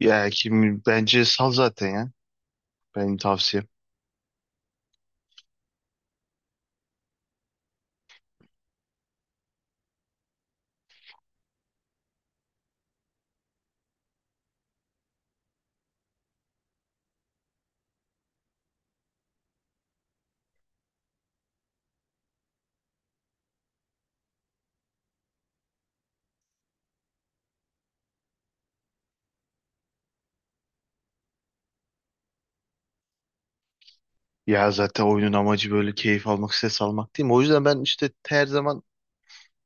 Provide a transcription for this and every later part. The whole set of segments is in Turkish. Ya kim bence sal zaten ya. Benim tavsiyem. Ya zaten oyunun amacı böyle keyif almak, ses almak değil mi? O yüzden ben işte her zaman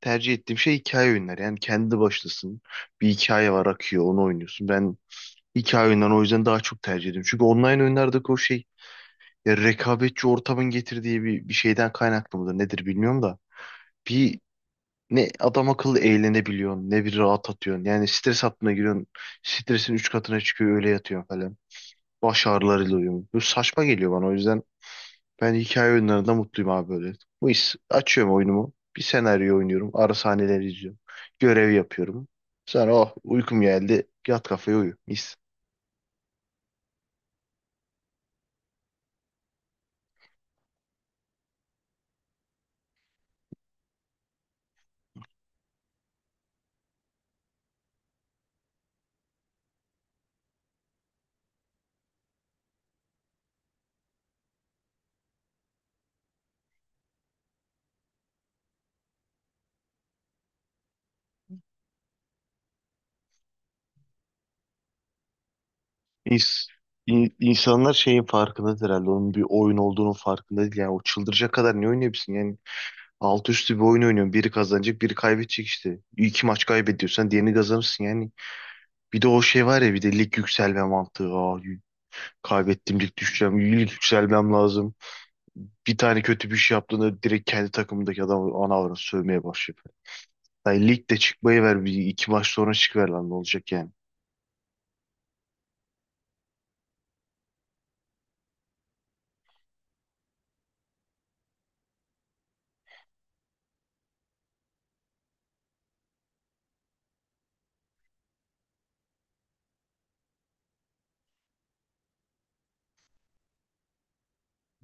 tercih ettiğim şey hikaye oyunları. Yani kendi başlasın. Bir hikaye var akıyor, onu oynuyorsun. Ben hikaye oyunlarını o yüzden daha çok tercih ediyorum. Çünkü online oyunlardaki o şey ya rekabetçi ortamın getirdiği bir şeyden kaynaklı mıdır nedir bilmiyorum da. Bir ne adam akıllı eğlenebiliyorsun ne bir rahat atıyorsun. Yani stres altına giriyorsun. Stresin üç katına çıkıyor öyle yatıyorsun falan. Baş ağrılarıyla uyuyorum. Bu saçma geliyor bana. O yüzden ben hikaye oyunlarında mutluyum abi böyle. Bu iş açıyorum oyunumu. Bir senaryo oynuyorum. Ara sahneleri izliyorum. Görev yapıyorum. Sonra oh uykum geldi. Yat kafaya uyu. Mis. Mis. İnsanlar şeyin farkındadır herhalde. Onun bir oyun olduğunun farkında değil. Yani o çıldıracak kadar ne oynayabilirsin? Yani alt üstü bir oyun oynuyorsun. Biri kazanacak, biri kaybedecek işte. İki maç kaybediyorsan diğerini kazanırsın. Yani bir de o şey var ya bir de lig yükselme mantığı. Aa, kaybettim lig düşeceğim. Lig yükselmem lazım. Bir tane kötü bir şey yaptığında direkt kendi takımındaki adamı ana avrat sövmeye başlayıp. Yani ligde çıkmayı ver bir iki maç sonra çıkıver lan ne olacak yani.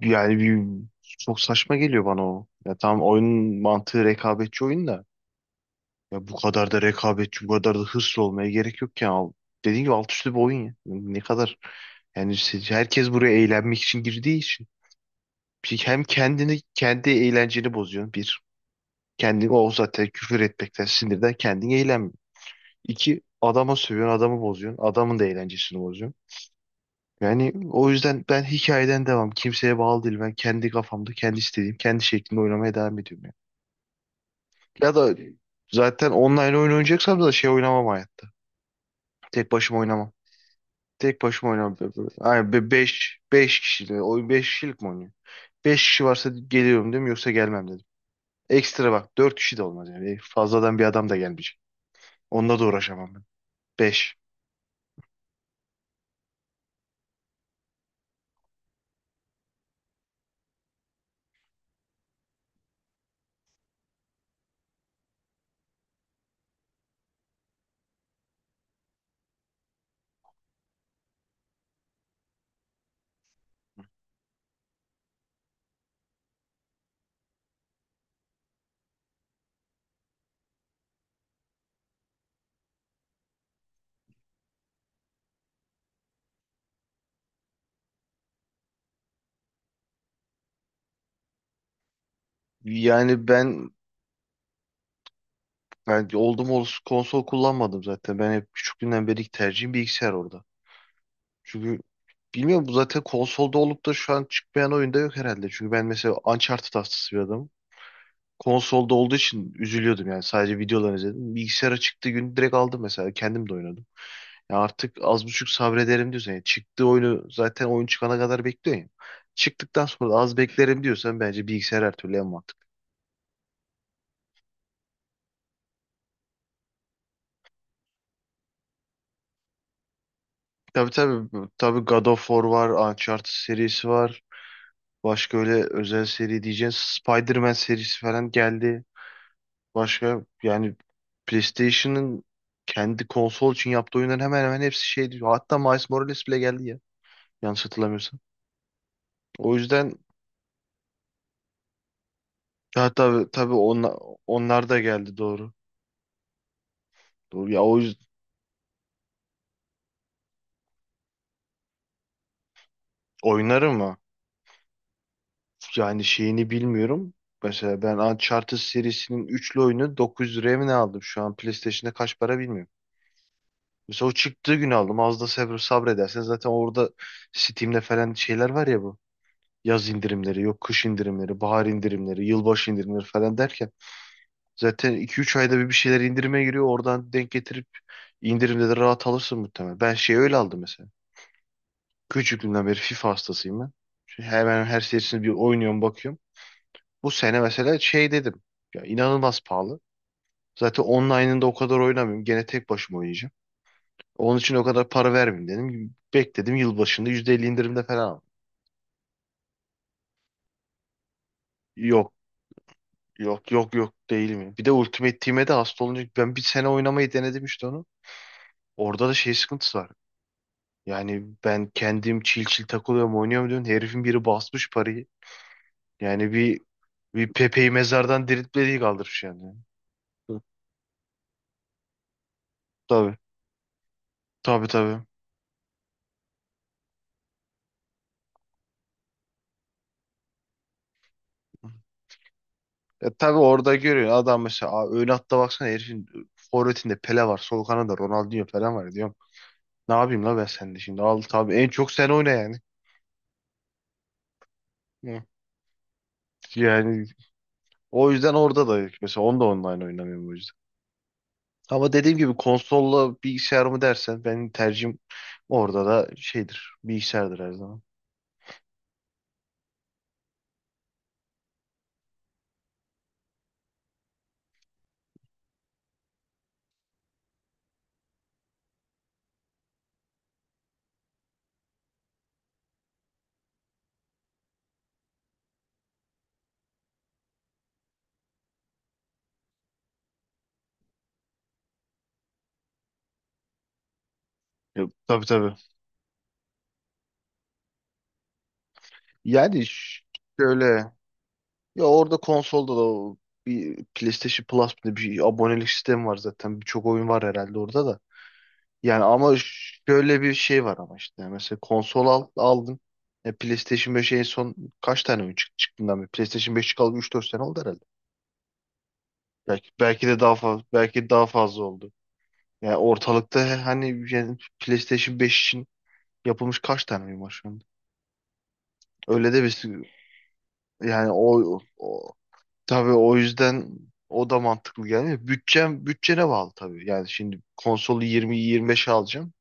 Yani bir, çok saçma geliyor bana o. Ya tamam oyunun mantığı rekabetçi oyun da. Ya bu kadar da rekabetçi, bu kadar da hırslı olmaya gerek yok ya. Dediğim gibi alt üstü bir oyun ya. Ne kadar yani herkes buraya eğlenmek için girdiği için. Hem kendini, kendi eğlenceni bozuyorsun bir. Kendini o zaten küfür etmekten, sinirden kendin eğlenmiyor. İki, adama sövüyorsun, adamı bozuyorsun. Adamın da eğlencesini bozuyorsun. Yani o yüzden ben hikayeden devam. Kimseye bağlı değil. Ben kendi kafamda, kendi istediğim, kendi şeklinde oynamaya devam ediyorum. Yani. Ya da zaten online oyun oynayacaksam da şey oynamam hayatta. Tek başıma oynamam. Tek başıma oynamam. Yani beş kişiyle. Oyun beş kişilik mi oynuyor? Beş kişi varsa geliyorum dedim yoksa gelmem dedim. Ekstra bak dört kişi de olmaz yani. Fazladan bir adam da gelmeyecek. Onunla da uğraşamam ben. Beş. Yani ben oldum olası konsol kullanmadım zaten. Ben hep küçüklüğümden beri tercihim bilgisayar orada. Çünkü bilmiyorum bu zaten konsolda olup da şu an çıkmayan oyunda yok herhalde. Çünkü ben mesela Uncharted hastası bir adamım. Konsolda olduğu için üzülüyordum yani sadece videoları izledim. Bilgisayara çıktığı gün direkt aldım mesela kendim de oynadım. Ya artık az buçuk sabrederim diyorsan yani çıktığı oyunu zaten oyun çıkana kadar bekliyorsun ya. Çıktıktan sonra da az beklerim diyorsan bence bilgisayar her türlü en mantıklı. Tabii tabii. Tabii God of War var. Uncharted serisi var. Başka öyle özel seri diyeceğiz. Spider-Man serisi falan geldi. Başka yani PlayStation'ın kendi konsol için yaptığı oyunların hemen hemen hepsi şeydi. Hatta Miles Morales bile geldi ya. Yanlış hatırlamıyorsam. O yüzden ya tabii tabii onlar, onlar da geldi doğru. Doğru. Ya o yüzden oynarım ama yani şeyini bilmiyorum. Mesela ben Uncharted serisinin üçlü oyunu 900 liraya mı ne aldım? Şu an PlayStation'da kaç para bilmiyorum. Mesela o çıktığı gün aldım. Az da sabredersen zaten orada Steam'de falan şeyler var ya bu. Yaz indirimleri, yok kış indirimleri, bahar indirimleri, yılbaşı indirimleri falan derken zaten iki üç ayda bir şeyler indirime giriyor. Oradan denk getirip indirimde de rahat alırsın muhtemelen. Ben şey öyle aldım mesela. Küçüklüğümden beri FIFA hastasıyım ben. Şu hemen her serisini bir oynuyorum bakıyorum. Bu sene mesela şey dedim. Ya inanılmaz pahalı. Zaten online'ında o kadar oynamıyorum. Gene tek başıma oynayacağım. Onun için o kadar para vermeyeyim dedim. Bekledim yılbaşında %50 indirimde falan aldım. Yok, yok, yok, yok, değil mi? Bir de Ultimate Team'e de hasta olunca ben bir sene oynamayı denedim işte onu. Orada da şey sıkıntısı var. Yani ben kendim çil çil takılıyorum oynuyorum diyorum. Herifin biri basmış parayı. Yani bir Pepe'yi mezardan diriltmediği kaldırmış yani. Hı. Tabii, tabii, tabii. Ya tabii orada görüyor adam mesela: "Aa, ön hatta baksana herifin forvetinde Pele var, sol kanada Ronaldinho falan" var diyor. Ne yapayım la ben sende şimdi? Al tabii en çok sen oyna yani. Hı. Yani o yüzden orada da mesela onu da online oynamıyorum o yüzden. Ama dediğim gibi konsolla bilgisayar mı dersen benim tercihim orada da şeydir. Bilgisayardır her zaman. Ya, tabii tabii. Yani şöyle ya orada konsolda da o bir PlayStation Plus bir abonelik sistemi var zaten. Birçok oyun var herhalde orada da. Yani ama şöyle bir şey var ama işte yani mesela konsol al, aldın. E, PlayStation 5 en son kaç tane mi çıktı çıktığından beri? PlayStation 5 çıkalı üç dört sene oldu herhalde. Belki, de daha fazla belki daha fazla oldu. Yani ortalıkta hani yani PlayStation 5 için yapılmış kaç tane oyun var şu anda? Öyle de bir yani o tabii o yüzden o da mantıklı gelmiyor. Bütçem bütçene bağlı tabii. Yani şimdi konsolu 20-25'e alacağım.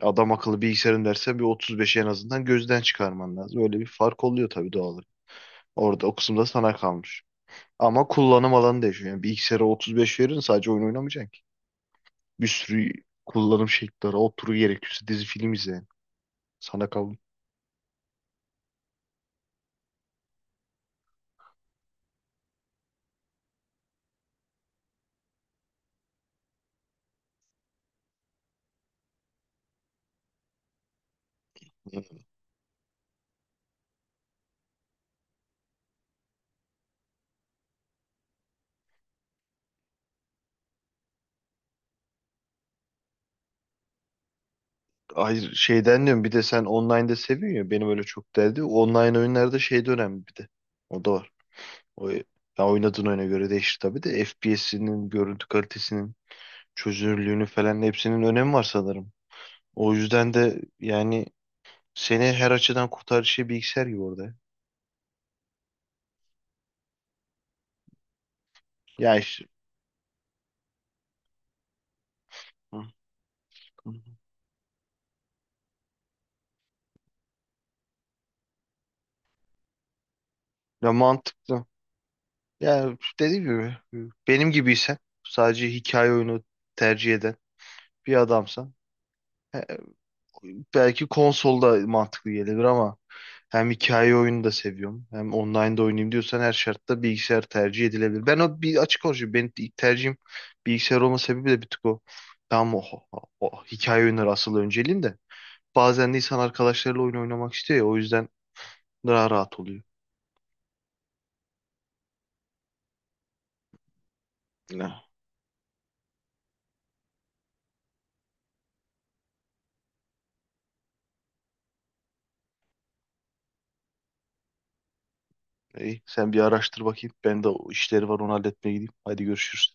Adam akıllı bilgisayarın derse bir 35'i en azından gözden çıkarman lazım. Öyle bir fark oluyor tabii doğal olarak. Orada o kısımda sana kalmış. Ama kullanım alanı değişiyor. Yani bilgisayara 35 verin sadece oyun oynamayacaksın ki. Bir sürü kullanım şekilleri, otur gerekirse dizi film izleyin. Sana kalmış. Hayır şeyden diyorum bir de sen online'da seviyorsun ya benim öyle çok derdi. Online oyunlarda şey de önemli bir de. O da var. O, ya oynadığın oyuna göre değişir tabii de FPS'inin, görüntü kalitesinin, çözünürlüğünü falan hepsinin önemi var sanırım. O yüzden de yani seni her açıdan kurtarıcı şey bilgisayar gibi orada. Ya işte ya mantıklı. Ya dediğim gibi benim gibiysen sadece hikaye oyunu tercih eden bir adamsan e, belki konsolda mantıklı gelebilir ama hem hikaye oyunu da seviyorum hem online'da oynayayım diyorsan her şartta bilgisayar tercih edilebilir. Ben o bir açık konuşayım. Benim ilk tercihim bilgisayar olma sebebi de bir tık o. Tamam o, o hikaye oyunları asıl önceliğim de. Bazen de insan arkadaşlarıyla oyun oynamak istiyor ya o yüzden daha rahat oluyor. Ne? İyi, sen bir araştır bakayım. Ben de o işleri var onu halletmeye gideyim. Hadi görüşürüz.